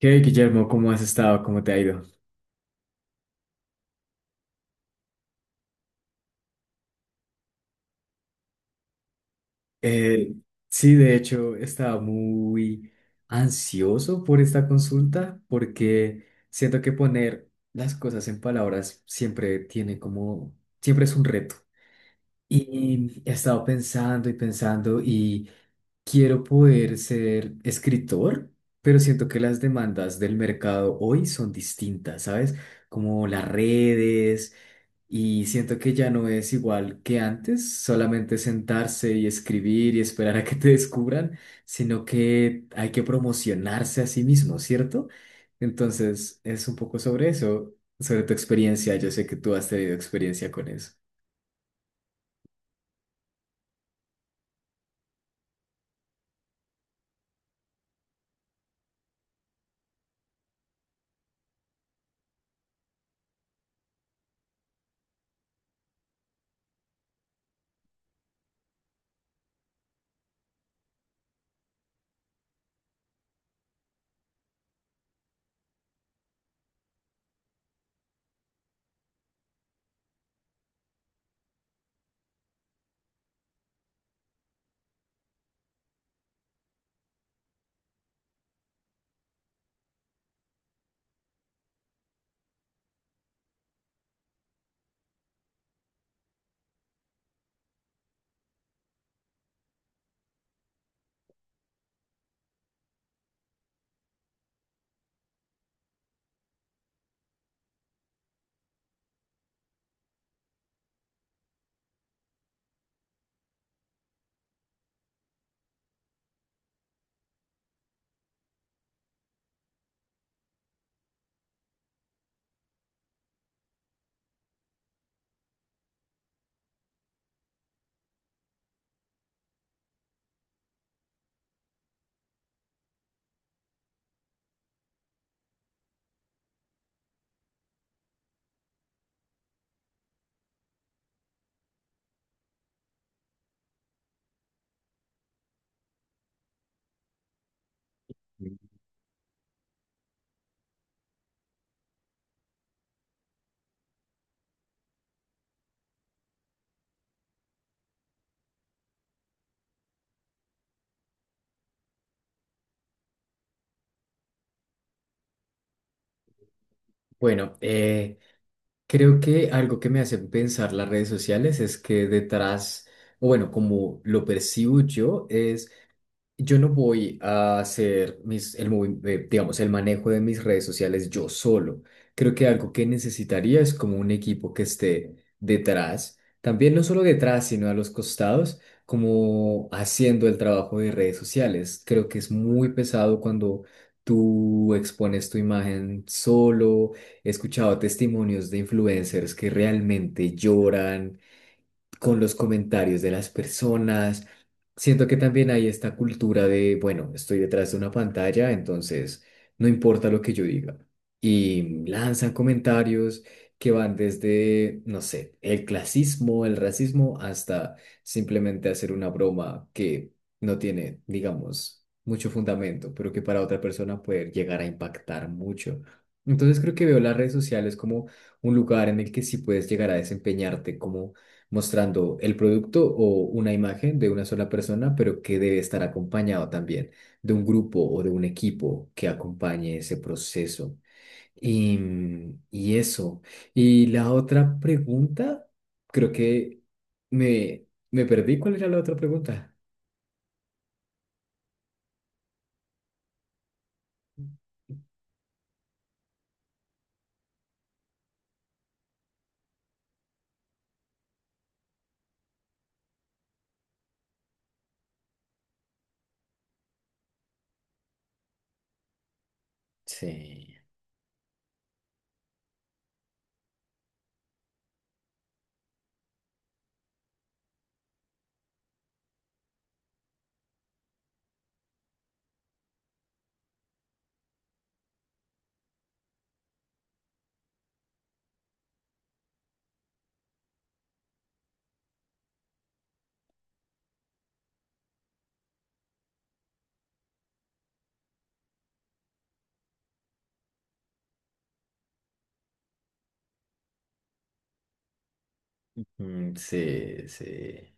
Hey Guillermo, ¿cómo has estado? ¿Cómo te ha ido? Eh, sí, de hecho, estaba muy ansioso por esta consulta porque siento que poner las cosas en palabras siempre tiene como, siempre es un reto. Y he estado pensando y pensando y quiero poder ser escritor, pero siento que las demandas del mercado hoy son distintas, ¿sabes? Como las redes. Y siento que ya no es igual que antes, solamente sentarse y escribir y esperar a que te descubran, sino que hay que promocionarse a sí mismo, ¿cierto? Entonces, es un poco sobre eso, sobre tu experiencia. Yo sé que tú has tenido experiencia con eso. Bueno, creo que algo que me hace pensar las redes sociales es que detrás, o bueno, como lo percibo yo, es: yo no voy a hacer digamos, el manejo de mis redes sociales yo solo. Creo que algo que necesitaría es como un equipo que esté detrás, también no solo detrás, sino a los costados, como haciendo el trabajo de redes sociales. Creo que es muy pesado cuando tú expones tu imagen solo. He escuchado testimonios de influencers que realmente lloran con los comentarios de las personas. Siento que también hay esta cultura de, bueno, estoy detrás de una pantalla, entonces no importa lo que yo diga. Y lanzan comentarios que van desde, no sé, el clasismo, el racismo, hasta simplemente hacer una broma que no tiene, digamos, mucho fundamento, pero que para otra persona puede llegar a impactar mucho. Entonces creo que veo las redes sociales como un lugar en el que sí puedes llegar a desempeñarte como mostrando el producto o una imagen de una sola persona, pero que debe estar acompañado también de un grupo o de un equipo que acompañe ese proceso. Y, y eso. Y la otra pregunta, creo que me perdí. ¿Cuál era la otra pregunta? Sí. Mm, sí, sí.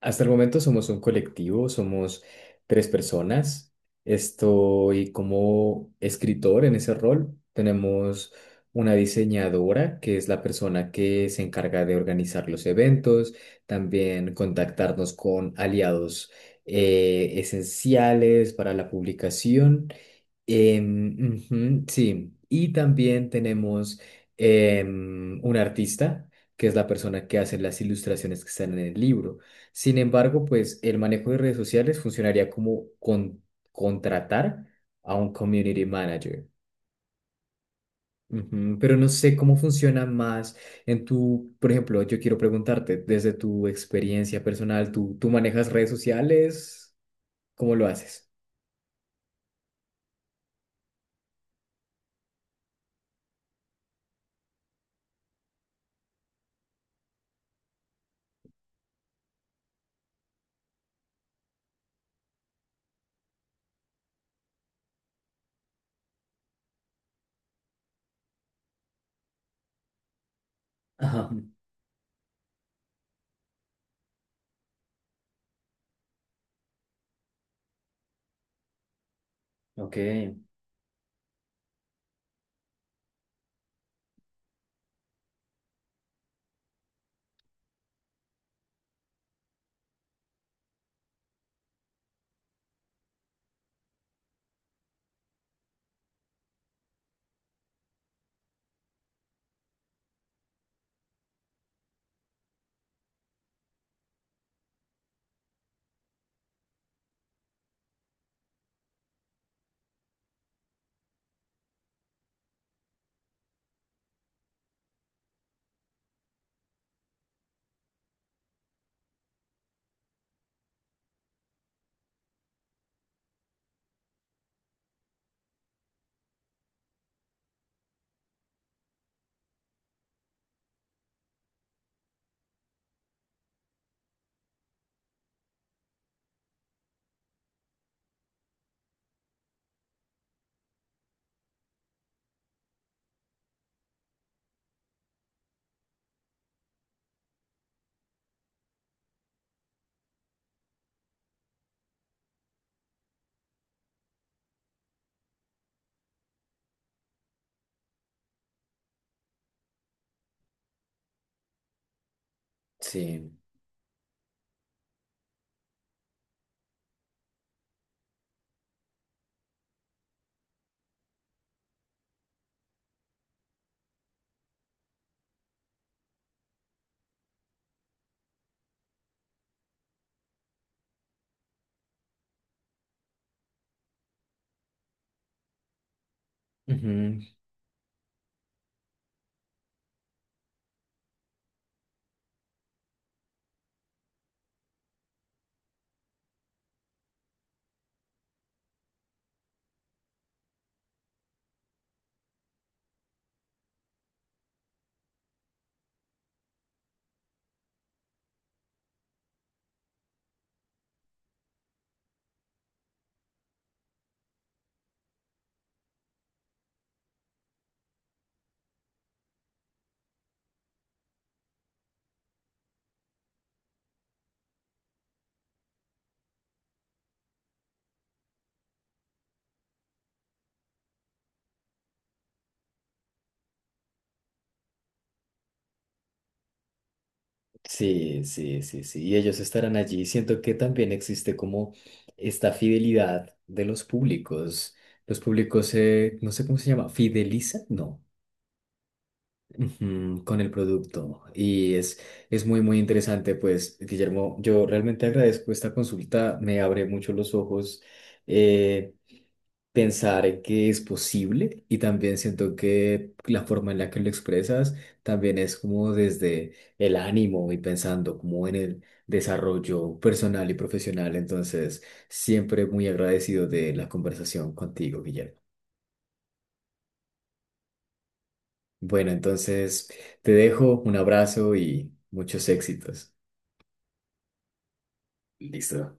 Hasta el momento somos un colectivo, somos tres personas. Estoy como escritor en ese rol. Tenemos una diseñadora, que es la persona que se encarga de organizar los eventos, también contactarnos con aliados esenciales para la publicación. Ujú, sí, y también tenemos un artista, que es la persona que hace las ilustraciones que están en el libro. Sin embargo, pues el manejo de redes sociales funcionaría como contratar a un community manager. Ujú. Pero no sé cómo funciona más en tu, por ejemplo, yo quiero preguntarte, desde tu experiencia personal, ¿Tú manejas redes sociales? ¿Cómo lo haces? Ajá, ok, sí. Ujú. Sí, sí, sí, sí. Y ellos estarán allí. Siento que también existe como esta fidelidad de los públicos. Los públicos, no sé cómo se llama, fidelizan, no. Ujú, con el producto. Y es muy, muy interesante, pues, Guillermo, yo realmente agradezco esta consulta. Me abre mucho los ojos. eh, Pensar en que es posible y también siento que la forma en la que lo expresas también es como desde el ánimo y pensando como en el desarrollo personal y profesional. Entonces, siempre muy agradecido de la conversación contigo, Guillermo. Bueno, entonces te dejo un abrazo y muchos éxitos. Listo.